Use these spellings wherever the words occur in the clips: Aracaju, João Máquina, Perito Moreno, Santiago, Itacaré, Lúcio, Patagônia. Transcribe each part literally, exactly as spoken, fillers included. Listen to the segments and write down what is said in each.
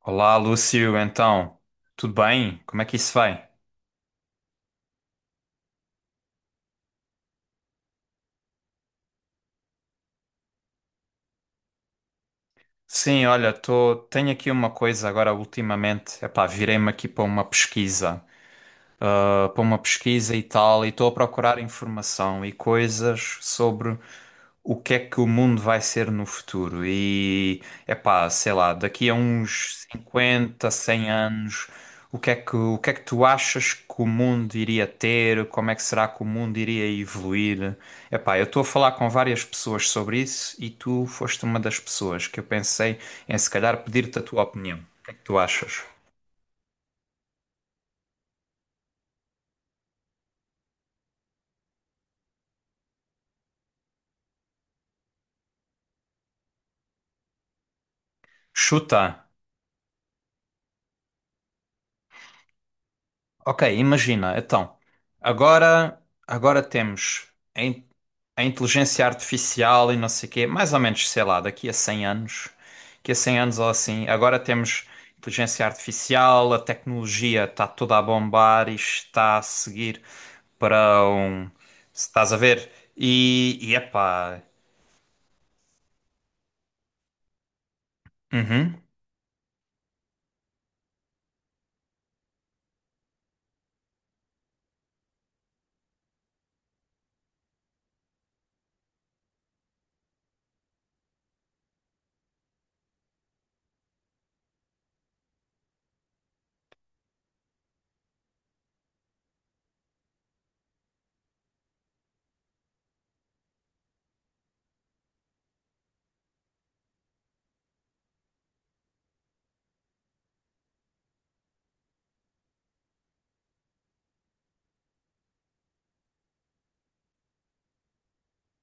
Olá, Lúcio, então, tudo bem? Como é que isso vai? Sim, olha, tô, tenho aqui uma coisa agora ultimamente, epá, virei-me aqui para uma pesquisa. Ah, para uma pesquisa e tal, e estou a procurar informação e coisas sobre o que é que o mundo vai ser no futuro. E, epá, sei lá, daqui a uns cinquenta cem anos, o que é que, o que é que tu achas que o mundo iria ter? Como é que será que o mundo iria evoluir? Epá, eu estou a falar com várias pessoas sobre isso e tu foste uma das pessoas que eu pensei em se calhar pedir-te a tua opinião. O que é que tu achas? Chuta! Ok, imagina, então, agora, agora temos a, in- a inteligência artificial e não sei o quê, mais ou menos, sei lá, daqui a cem anos, daqui a cem anos ou assim, agora temos inteligência artificial, a tecnologia está toda a bombar e está a seguir para um... se Estás a ver? E, e epá, uhum,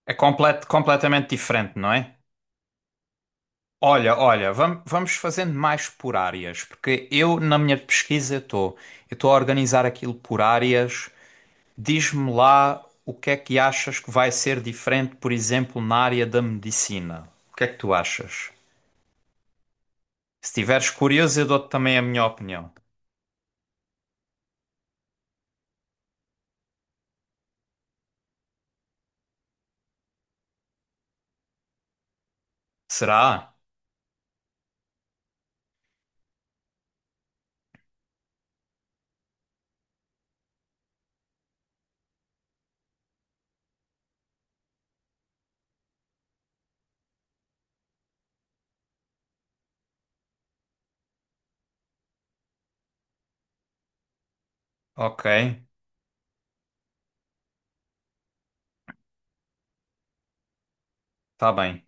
é complet, completamente diferente, não é? Olha, olha, vam- vamos fazendo mais por áreas, porque eu na minha pesquisa estou, eu estou a organizar aquilo por áreas. Diz-me lá o que é que achas que vai ser diferente, por exemplo, na área da medicina. O que é que tu achas? Se estiveres curioso, eu dou-te também a minha opinião. Será? Ok, está bem.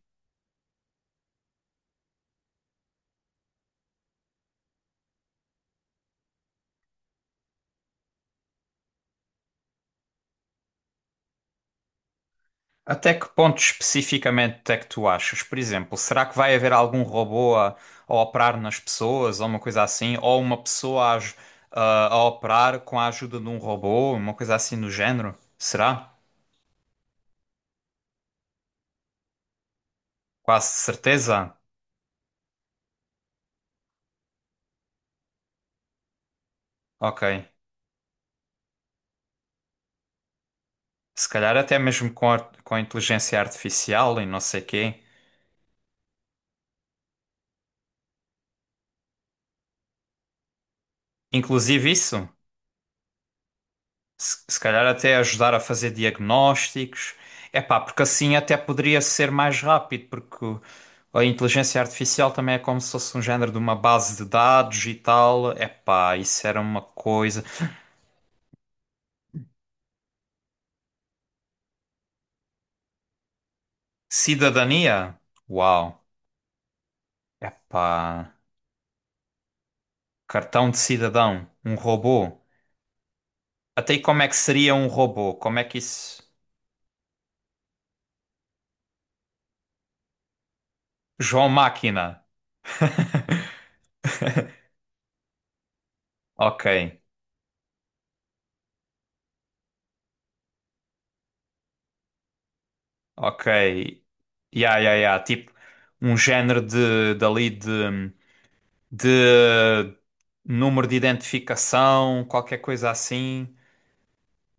Até que ponto especificamente é que tu achas? Por exemplo, será que vai haver algum robô a, a operar nas pessoas ou uma coisa assim? Ou uma pessoa a, aj- a- a operar com a ajuda de um robô, uma coisa assim do género? Será? Quase certeza? Ok. Se calhar até mesmo com, a- com a inteligência artificial e não sei quê. Inclusive isso? Se, se calhar até ajudar a fazer diagnósticos. É pá, porque assim até poderia ser mais rápido, porque o- a inteligência artificial também é como se fosse um género de uma base de dados e tal. É pá, isso era uma coisa. Cidadania? Uau. É pá, cartão de cidadão, um robô. Até aí como é que seria um robô? Como é que isso. João Máquina. Ok, ok. Ya, ya, ya. Tipo, um género de, dali de, de número de identificação, qualquer coisa assim.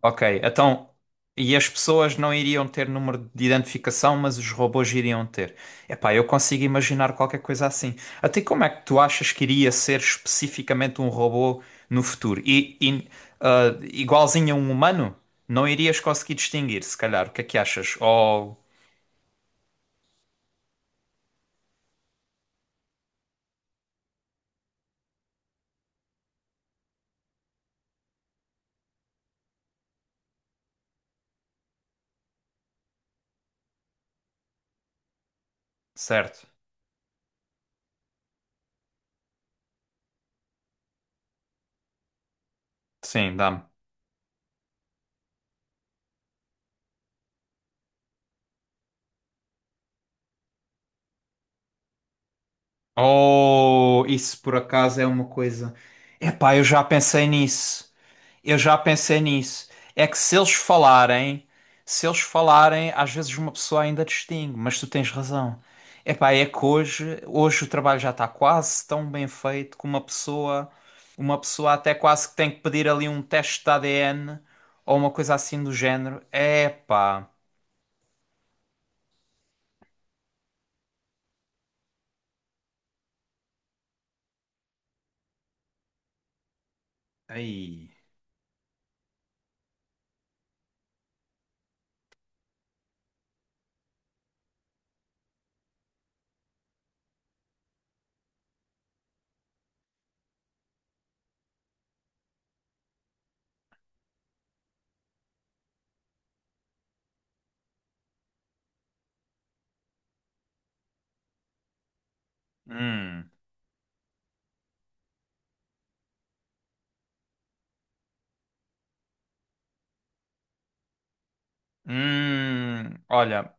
Ok, então. E as pessoas não iriam ter número de identificação, mas os robôs iriam ter. Epá, eu consigo imaginar qualquer coisa assim. Até como é que tu achas que iria ser especificamente um robô no futuro? E, e, ah, igualzinho a um humano, não irias conseguir distinguir, se calhar. O que é que achas? Oh, certo. Sim, dá-me. Oh, isso por acaso é uma coisa. Epá, eu já pensei nisso. Eu já pensei nisso. É que se eles falarem, se eles falarem, às vezes uma pessoa ainda distingue, mas tu tens razão. Epá, é que hoje, hoje o trabalho já está quase tão bem feito que uma pessoa, uma pessoa até quase que tem que pedir ali um teste de A D N ou uma coisa assim do género. Epá, aí. Hum, hum, olha,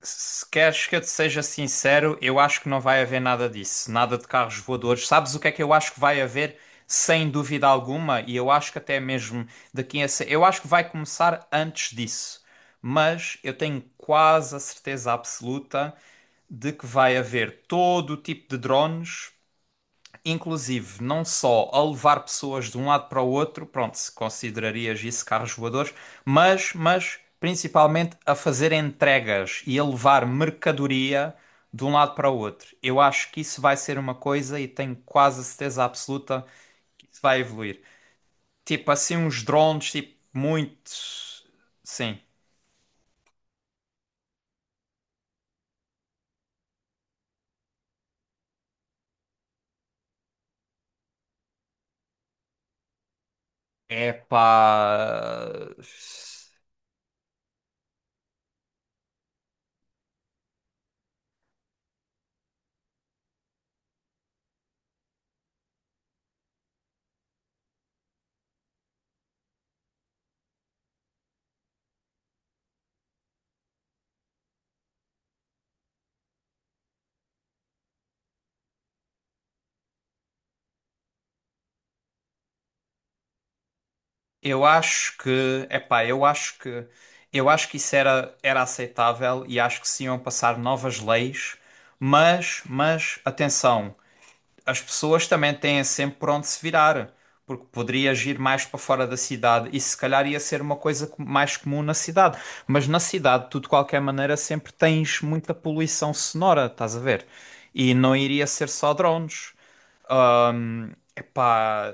se queres que eu te seja sincero, eu acho que não vai haver nada disso, nada de carros voadores. Sabes o que é que eu acho que vai haver, sem dúvida alguma, e eu acho que até mesmo daqui a. se- eu acho que vai começar antes disso, mas eu tenho quase a certeza absoluta de que vai haver todo o tipo de drones inclusive, não só a levar pessoas de um lado para o outro, pronto, se considerarias isso carros voadores, mas, mas principalmente a fazer entregas e a levar mercadoria de um lado para o outro. Eu acho que isso vai ser uma coisa e tenho quase a certeza absoluta que isso vai evoluir. Tipo assim, uns drones, tipo, muito. Sim. É pá. Eu acho que, epá, eu acho que, eu acho que isso era, era aceitável e acho que se iam passar novas leis, mas, mas, atenção, as pessoas também têm sempre por onde se virar, porque poderias ir mais para fora da cidade e se calhar ia ser uma coisa co- mais comum na cidade, mas na cidade tu de qualquer maneira sempre tens muita poluição sonora, estás a ver? E não iria ser só drones. Ahm, epá,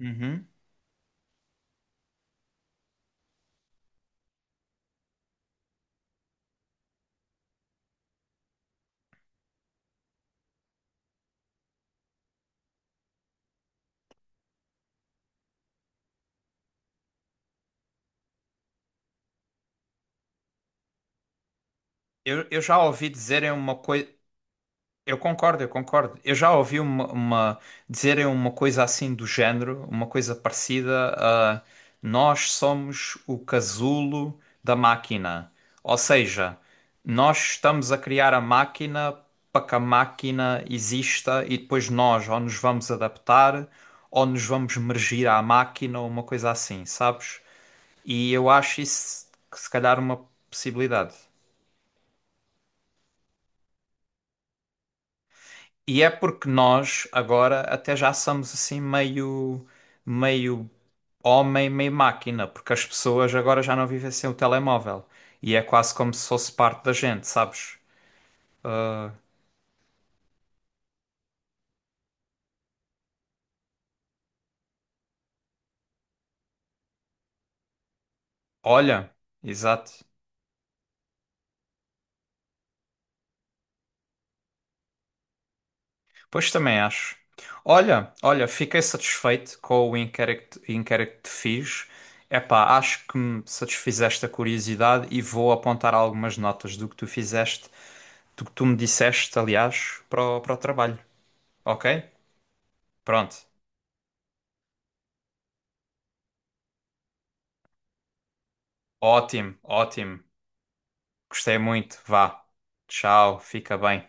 uhum. Eu, eu já ouvi dizerem uma coisa. Eu concordo, eu concordo. Eu já ouvi uma, uma- dizerem uma coisa assim do género, uma coisa parecida a nós somos o casulo da máquina. Ou seja, nós estamos a criar a máquina para que a máquina exista e depois nós ou nos vamos adaptar ou nos vamos mergir à máquina ou uma coisa assim, sabes? E eu acho isso que se calhar uma possibilidade. E é porque nós agora até já somos assim meio, meio homem, meio máquina, porque as pessoas agora já não vivem sem o telemóvel. E é quase como se fosse parte da gente, sabes? Olha, exato. Pois também acho. Olha, olha, fiquei satisfeito com o inquérito, inquérito que te fiz. Epá, acho que me satisfizeste a curiosidade e vou apontar algumas notas do que tu fizeste, do que tu me disseste, aliás, para o, para o trabalho. Ok? Pronto. Ótimo, ótimo. Gostei muito. Vá. Tchau, fica bem.